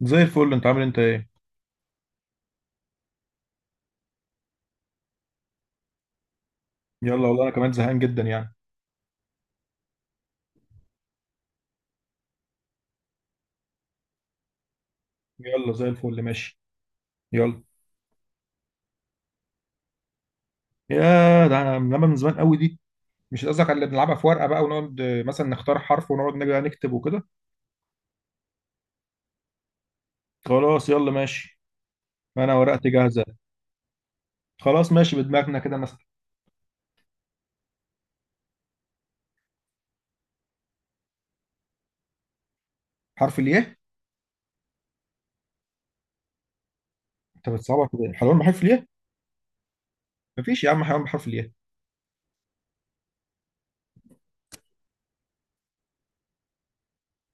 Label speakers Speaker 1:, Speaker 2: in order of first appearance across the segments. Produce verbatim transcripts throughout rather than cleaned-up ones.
Speaker 1: زي الفل، انت عامل إيه؟ انت ايه يلا والله انا كمان زهقان جدا يعني. يلا زي الفل، ماشي. يلا. يا ده انا لما من زمان قوي دي. مش قصدك على اللي بنلعبها في ورقه بقى ونقعد، آه، مثلا نختار حرف ونقعد نجي نكتب وكده. خلاص يلا ماشي. انا ورقتي جاهزه. خلاص ماشي، بدماغنا كده مثلا. حرف الياء. انت بتصعبها كده، حيوان بحرف الياء؟ مفيش يا عم حيوان بحرف الياء.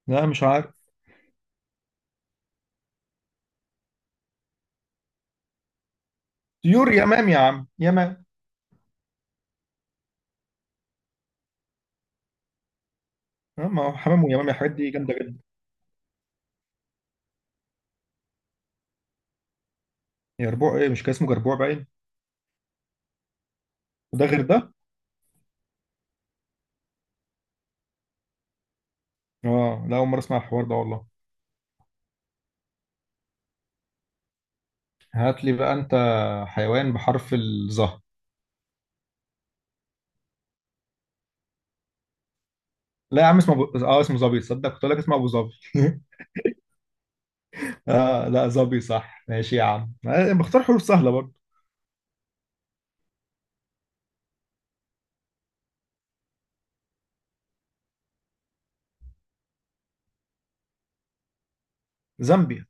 Speaker 1: لا مش عارف. طيور، يمام يا عم، يمام. اه، ما هو حمام ويمام الحاجات دي جامده جدا. يربوع ايه؟ مش كان اسمه جربوع باين؟ وده غير ده؟ اه لا، اول مره اسمع الحوار ده والله. هات لي بقى انت. حيوان بحرف الظهر. لا يا عم اسمه ب... اه اسمه ظبي. تصدق كنت اقول لك اسمه ابو ظبي. اه لا، ظبي صح ماشي يا عم. آه، بختار حروف سهله برضه. زامبيا.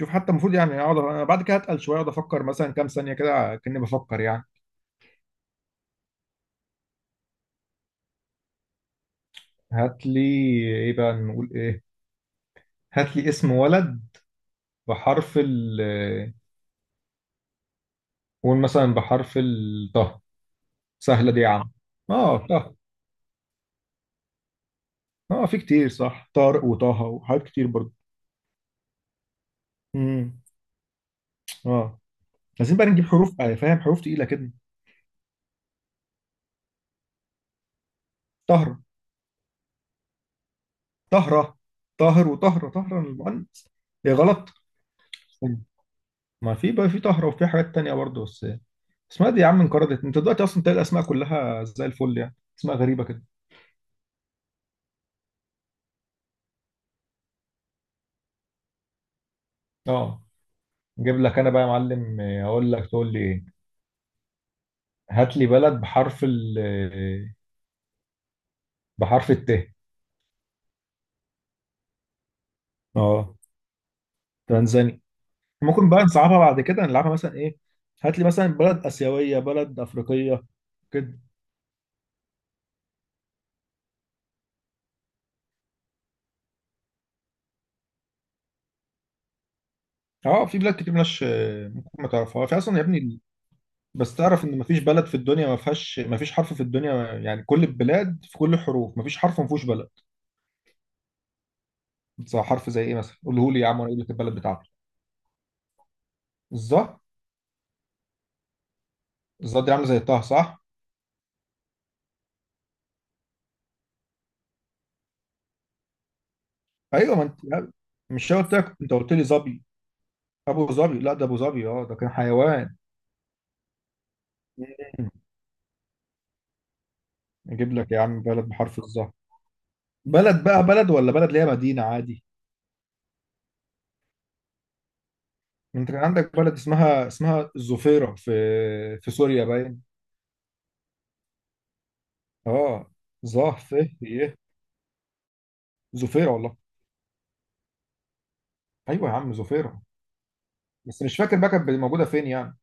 Speaker 1: شوف حتى المفروض يعني اقعد انا بعد كده هتقل شويه، اقعد افكر مثلا كام ثانيه كده كاني بفكر يعني. هات لي. ايه بقى نقول ايه؟ هات لي اسم ولد بحرف ال آه، قول مثلا بحرف الطه. سهله دي يا عم. اه طه. اه في كتير صح، طارق وطه وحاجات كتير برضه. امم. اه عايزين بقى نجيب حروف، آه، فاهم، حروف تقيلة كده. طهر. طهرة. طاهر وطهرة، طهرة المؤنث. هي غلط. ما في بقى، في طهرة وفي حاجات تانية برضه بس. اسمها دي يا عم انقرضت، انت دلوقتي اصلا تلاقي الاسماء كلها زي الفل، يعني اسماء غريبة كده. اه. نجيب لك انا بقى يا معلم. آه، اقول لك تقول لي ايه. هات لي بلد بحرف ال آه، بحرف الت. اه تنزانيا. ممكن بقى نصعبها بعد كده، نلعبها مثلا ايه؟ هات لي مثلا بلد اسيوية، بلد افريقية كده. اه في بلاد كتير مش ممكن ما تعرفها، في اصلا يا ابني. بس تعرف ان مفيش بلد في الدنيا ما فيهاش، مفيش حرف في الدنيا يعني، كل البلاد في كل الحروف، مفيش حرف ما فيهوش بلد. صح، حرف زي ايه مثلا، قوله لي يا عم وانا اقول لك البلد بتاعته. الظا. الظا دي عامله زي طه صح. ايوه ما انت لا، مش أنا قلت لك، انت قلت لي ظبي. ابو ظبي، لا ده ابو ظبي اه ده كان حيوان. مم. اجيب لك يا عم بلد بحرف الظا. بلد بقى بلد، ولا بلد اللي هي مدينه عادي. انت كان عندك بلد اسمها، اسمها الظفيره، في في سوريا باين. اه. ظه فه يه. زفيرة والله. ايوه يا عم زفيرة. بس مش فاكر بقى كانت موجودة فين يعني.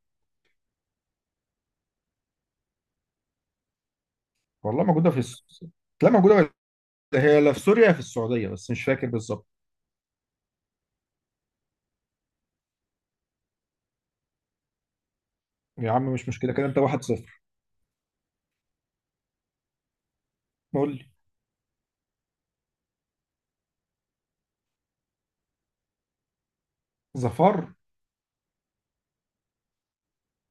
Speaker 1: والله موجودة في الس... لا موجودة ولا هي، لا في سوريا يا في السعودية، بس مش فاكر بالظبط. يا عم مش مشكلة، كده انت واحد صفر. قول لي. ظفر.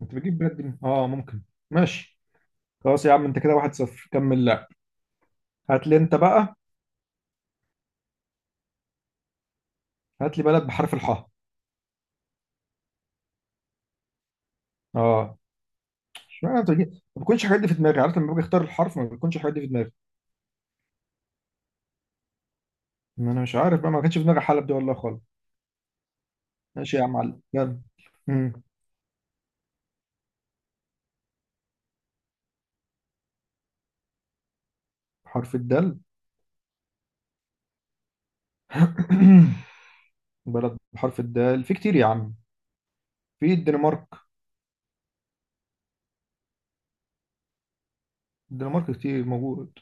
Speaker 1: انت بتجيب بلاد دي؟ اه ممكن. ماشي. خلاص يا عم، انت كده واحد صفر كمل لا. هات لي انت بقى. هات لي بلد بحرف الحاء. اه مش معنى انت بتجيب- ما بيكونش الحاجات دي في دماغي، عارف لما باجي اختار الحرف ما بيكونش الحاجات دي في دماغي. ما انا مش عارف بقى، ما كانش في دماغي حلب دي والله خالص. ماشي يا عم علي، يلا. مم. حرف الدال. بلد بحرف الدال في كتير يا عم. في الدنمارك. الدنمارك كتير موجود،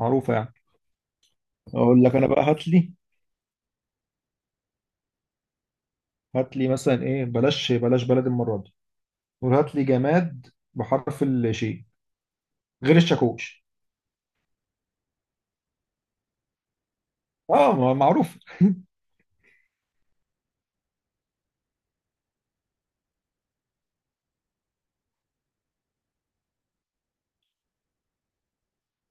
Speaker 1: معروفة يعني. أقول لك أنا بقى. هات لي، هات لي مثلا إيه، بلاش بلاش بلد المرة دي. قول هات لي جماد بحرف الشين، غير الشاكوش. أه ما- معروف.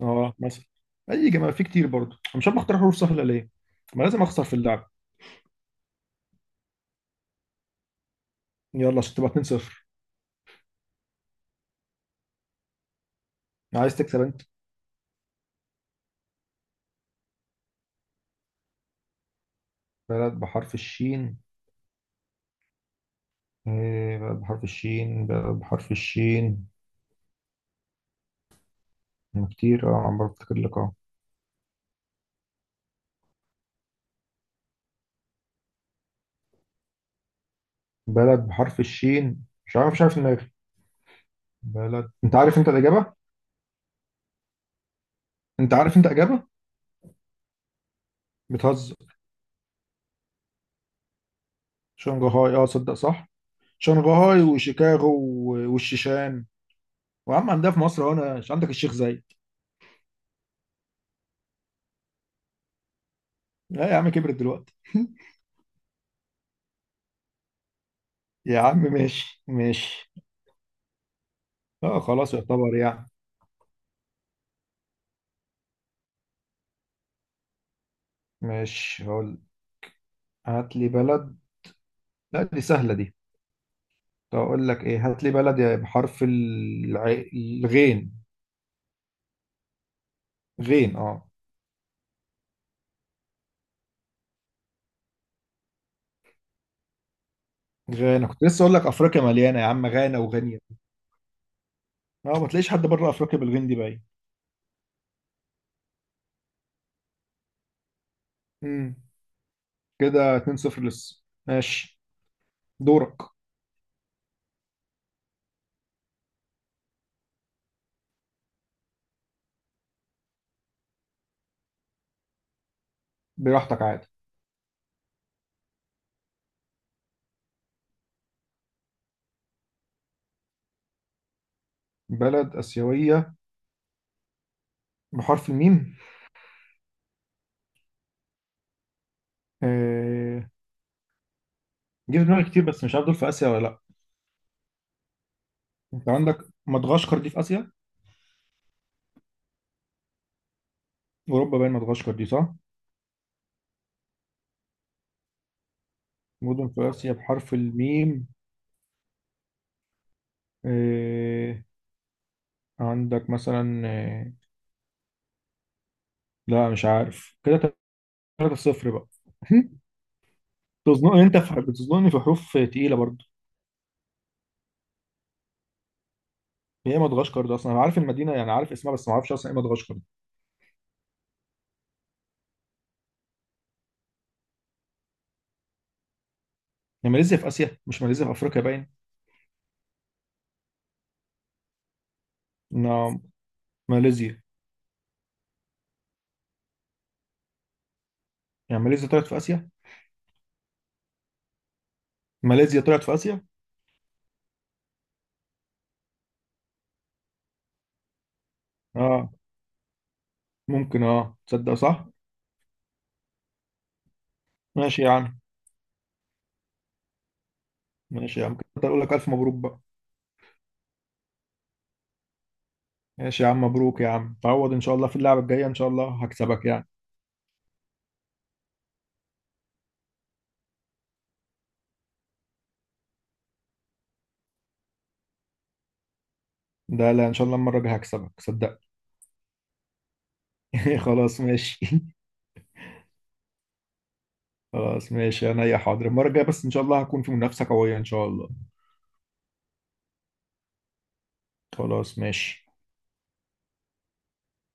Speaker 1: أه مثلا. أي جماد في كتير برضه، أنا مش عارف أختار حروف سهلة ليه، ما لازم أخسر في اللعب. يلا عشان تبقى اتنين صفر. عايز تكسب أنت. بلد بحرف الشين. إيه بلد بحرف الشين، بلد بحرف الشين، كتير اه، عم بفتكر لك. بلد بحرف الشين، مش عارف مش عارف دماغي. بلد، انت عارف انت الاجابه. انت عارف انت اجابه. بتهزر. شنغهاي، اه صدق صح. شنغهاي وشيكاغو، و- والشيشان. وعم عندها في مصر هنا، مش عندك الشيخ زايد؟ لا يا عم كبرت دلوقتي. يا عم ماشي ماشي. اه خلاص يعتبر يعني. ماشي هقول. هات لي بلد. لا دي سهله دي. طب اقول لك ايه، هات لي بلد يا بحرف الع... الغين. غين اه. غانا، كنت لسه اقول لك افريقيا مليانه يا عم، غانا وغينيا. اه ما تلاقيش حد بره افريقيا بالجندي باين. امم. كده اتنين صفر لسه. ماشي. دورك. براحتك عادي. بلد آسيوية بحرف الميم. آه... جه في دماغي كتير بس مش عارف دول في آسيا ولا لأ. أنت عندك مدغشقر دي في آسيا؟ أوروبا باين مدغشقر دي صح؟ مدن في آسيا بحرف الميم. آه... عندك مثلا آه... لا مش عارف كده. تلاتة صفر بقى. تظنني أنت في... بتظنني في حروف تقيلة برضه. هي مدغشقر ده أصلا أنا عارف المدينة، يعني عارف اسمها بس ما أعرفش أصلا إيه مدغشقر. يعني ماليزيا في اسيا، مش ماليزيا في افريقيا باين؟ نعم. ماليزيا. يعني ماليزيا طلعت في اسيا؟ ماليزيا طلعت في اسيا. اه ممكن، اه تصدق صح. ماشي يا عم. ماشي يا عم، كنت اقول لك الف مبروك بقى. ماشي يا عم، مبروك يا عم، تعوض ان شاء الله في اللعبه الجايه، ان شاء الله هكسبك يعني. ده لا، ان شاء الله المره الجايه هكسبك صدقني. خلاص ماشي. خلاص ماشي انا، يا حاضر المره الجايه بس، ان شاء الله هكون في منافسه قويه ان شاء الله. خلاص ماشي.